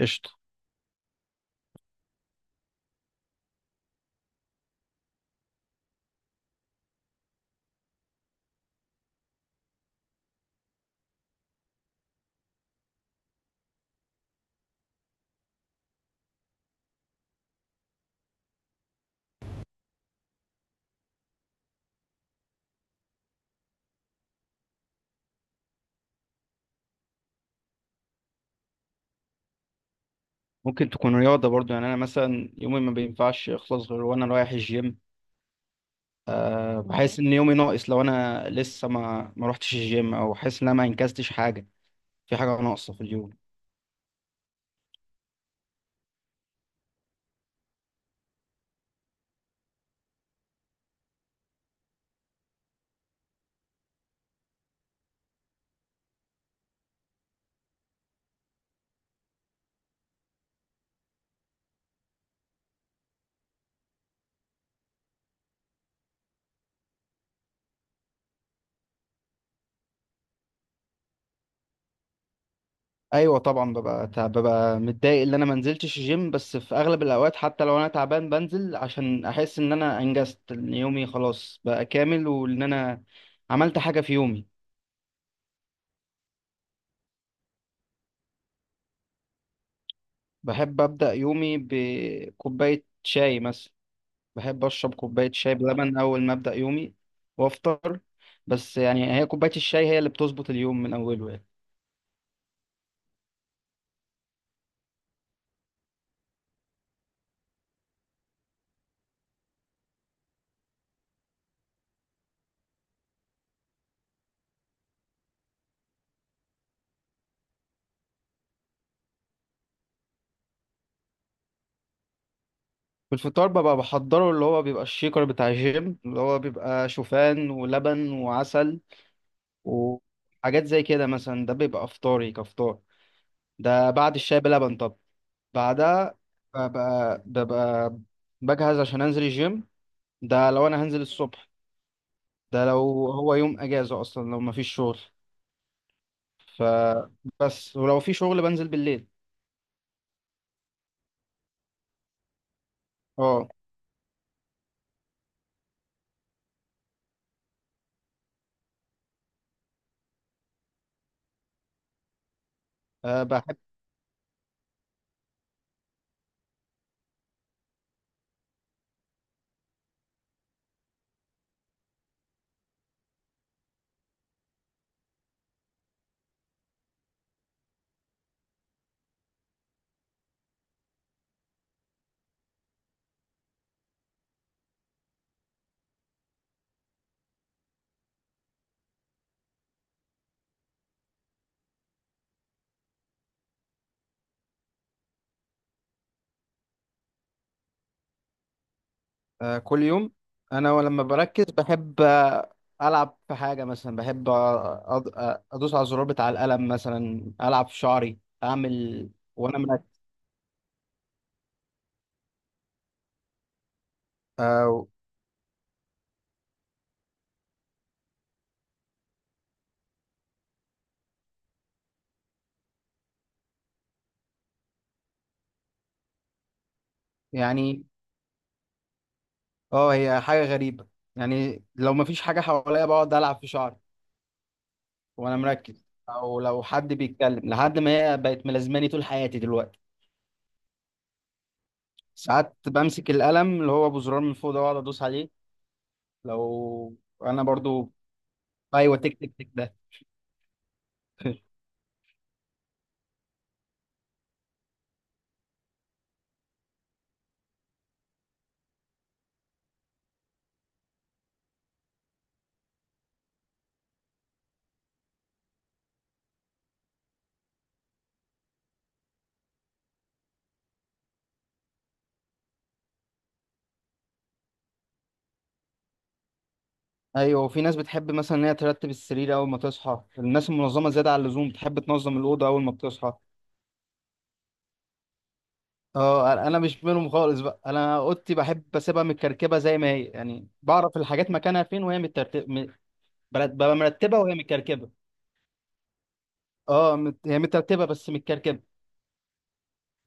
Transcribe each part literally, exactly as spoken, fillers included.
قشطة. ممكن تكون رياضة برضو. يعني أنا مثلا يومي ما بينفعش يخلص غير وأنا رايح الجيم. أه، بحس إن يومي ناقص لو أنا لسه ما ما روحتش الجيم، أو حاسس إن أنا ما أنجزتش حاجة، في حاجة ناقصة في اليوم. أيوة طبعا، ببقى تعب، ببقى متضايق إن أنا ما نزلتش الجيم، بس في أغلب الأوقات حتى لو أنا تعبان بنزل عشان أحس إن أنا أنجزت، إن يومي خلاص بقى كامل، وإن أنا عملت حاجة في يومي. بحب أبدأ يومي بكوباية شاي مثلا، بحب اشرب كوبايه شاي بلبن اول ما ابدا يومي، وافطر. بس يعني هي كوبايه الشاي هي اللي بتظبط اليوم من اوله يعني. في الفطار ببقى بحضره، اللي هو بيبقى الشيكر بتاع الجيم، اللي هو بيبقى شوفان ولبن وعسل وحاجات زي كده. مثلا ده بيبقى افطاري كفطار، ده بعد الشاي بلبن. طب بعدها ببقى ببقى بجهز عشان انزل الجيم. ده لو انا هنزل الصبح، ده لو هو يوم اجازه، اصلا لو مفيش شغل. ف بس ولو في شغل بنزل بالليل. اه، آه، بحب. آه، كل يوم. انا ولما بركز بحب آه، العب في حاجه. مثلا بحب آه، أض- آه، ادوس على الزرار بتاع القلم، مثلا العب في شعري، اعمل وانا مركز. آه، يعني اه هي حاجه غريبه. يعني لو مفيش حاجه حواليا بقعد العب في شعري وانا مركز، او لو حد بيتكلم، لحد ما هي بقت ملازماني طول حياتي دلوقتي. ساعات بمسك القلم اللي هو ابو زرار من فوق ده واقعد ادوس عليه. لو انا برضو. ايوه، تك تك تك ده. ايوه، وفي ناس بتحب مثلا ان هي ترتب السرير اول ما تصحى، الناس المنظمه زياده عن اللزوم بتحب تنظم الاوضه اول ما بتصحى. اه، انا أنا مش منهم خالص بقى. انا اوضتي بحب اسيبها متكركبه زي ما هي، يعني بعرف الحاجات مكانها فين وهي مترتب م- برت- ببقى مرتبه وهي متكركبه. اه، مت... هي مترتبه بس متكركبه.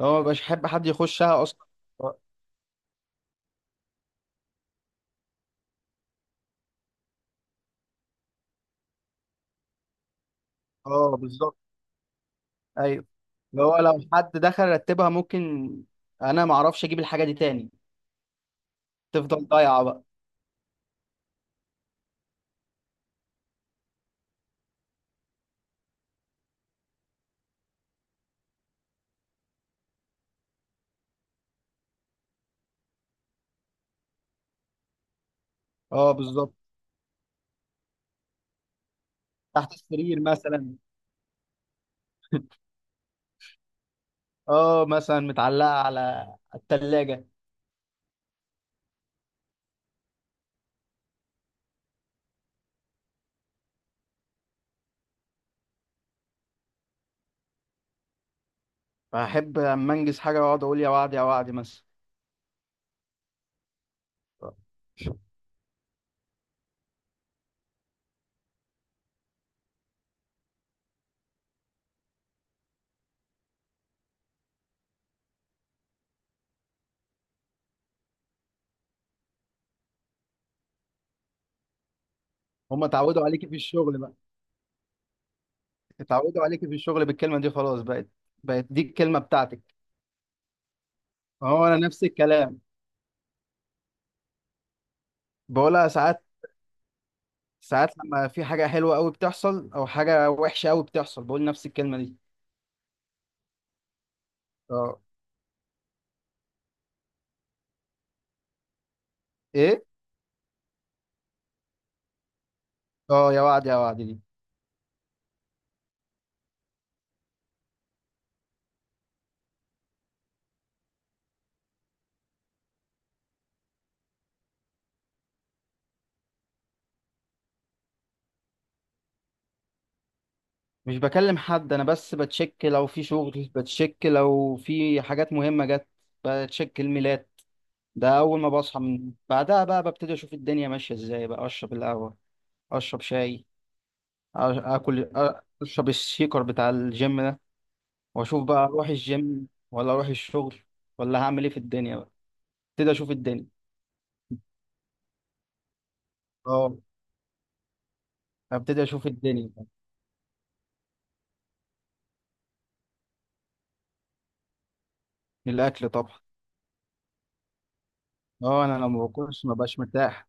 اه، مبقاش احب حد يخشها اصلا. اه، آه، بالظبط. ايوه، اللي هو لو حد دخل رتبها ممكن انا ما اعرفش اجيب الحاجه دي تاني، تفضل ضايعه بقى. اه بالظبط. تحت السرير مثلا. اه مثلا متعلقة على التلاجة. فأحب أما أنجز حاجة وأقعد أقول يا وعد يا وعد مثلا. هما اتعودوا عليكي في الشغل بقى، اتعودوا عليكي في الشغل بالكلمة دي، خلاص بقت بقت دي الكلمة بتاعتك. هو أنا نفس الكلام بقولها ساعات، ساعات لما في حاجة حلوة أوي بتحصل أو حاجة وحشة أوي بتحصل بقول نفس الكلمة دي. اه. إيه؟ اه، يا وعد يا وعد دي. مش بكلم حد أنا، بس بتشك لو في شغل، بتشك لو في حاجات مهمة جت، بتشك الميلاد ده اول ما بصحى. من بعدها بقى ببتدي اشوف الدنيا ماشيه ازاي، بقى اشرب القهوه، اشرب شاي، أ- اكل، أ- اشرب الشيكر بتاع الجيم ده، واشوف بقى اروح الجيم ولا اروح الشغل، ولا هعمل ايه في الدنيا بقى. ابتدي اشوف الدنيا. اه ابتدي اشوف الدنيا. الاكل طبعا. اه انا لو ما باكلش ما بقاش مرتاح.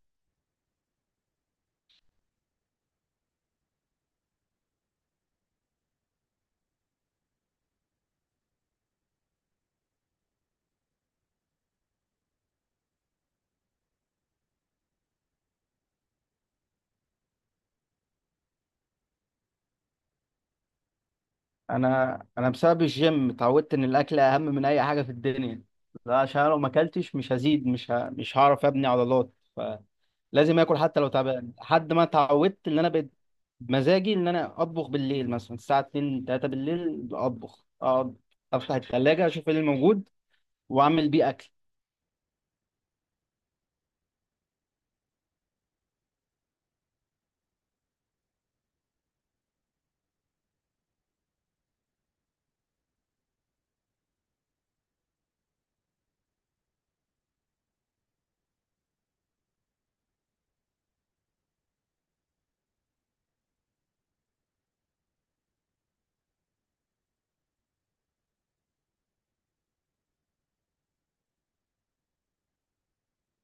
انا انا بسبب الجيم اتعودت ان الاكل اهم من اي حاجه في الدنيا، لا عشان أنا لو ما اكلتش مش هزيد، مش ه... مش هعرف ابني عضلات. لازم اكل حتى لو تعبان، لحد ما اتعودت ان انا بقيت مزاجي ان انا اطبخ بالليل، مثلا الساعه اتنين تلاتة بالليل، اطبخ، اقعد افتح الثلاجه اشوف ايه اللي موجود واعمل بيه اكل.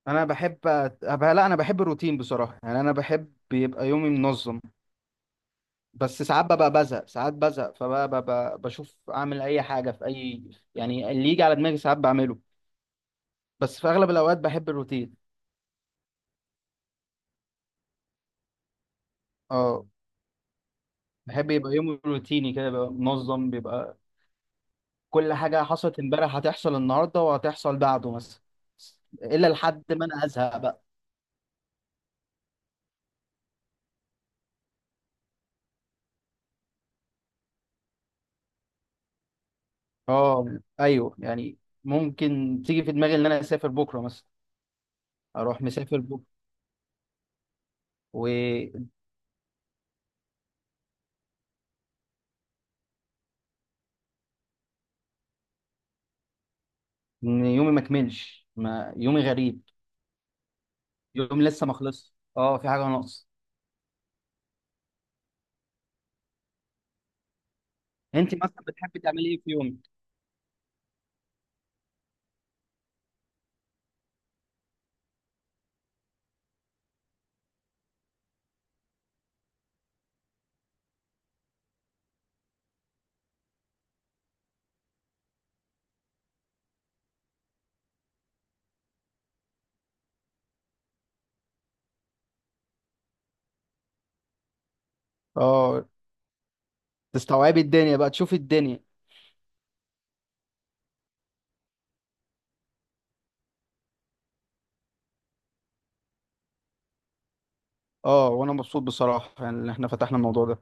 انا بحب أت- أبقى لا انا بحب الروتين بصراحه، يعني انا بحب يبقى يومي منظم. بس ساعات ببقى بزهق، ساعات بزهق فبقى ببقى بشوف اعمل اي حاجه في اي، يعني اللي يجي على دماغي ساعات بعمله. بس في اغلب الاوقات بحب الروتين. اه، بحب يبقى يومي روتيني كده، بيبقى منظم، بيبقى كل حاجة حصلت امبارح هتحصل النهاردة وهتحصل بعده مثلا، إلا لحد ما أنا أزهق بقى. اه أيوه يعني ممكن تيجي في دماغي إن أنا أسافر بكرة مثلا، أروح مسافر بكرة، وإن يومي ما كملش، ما يومي غريب، يومي لسه ما خلصش، اه في حاجة ناقص. أنت مثلا بتحبي تعملي إيه في يومك؟ اه، تستوعبي الدنيا بقى، تشوفي الدنيا. اه وأنا مبسوط بصراحة، يعني إن إحنا فتحنا الموضوع ده.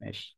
ماشي.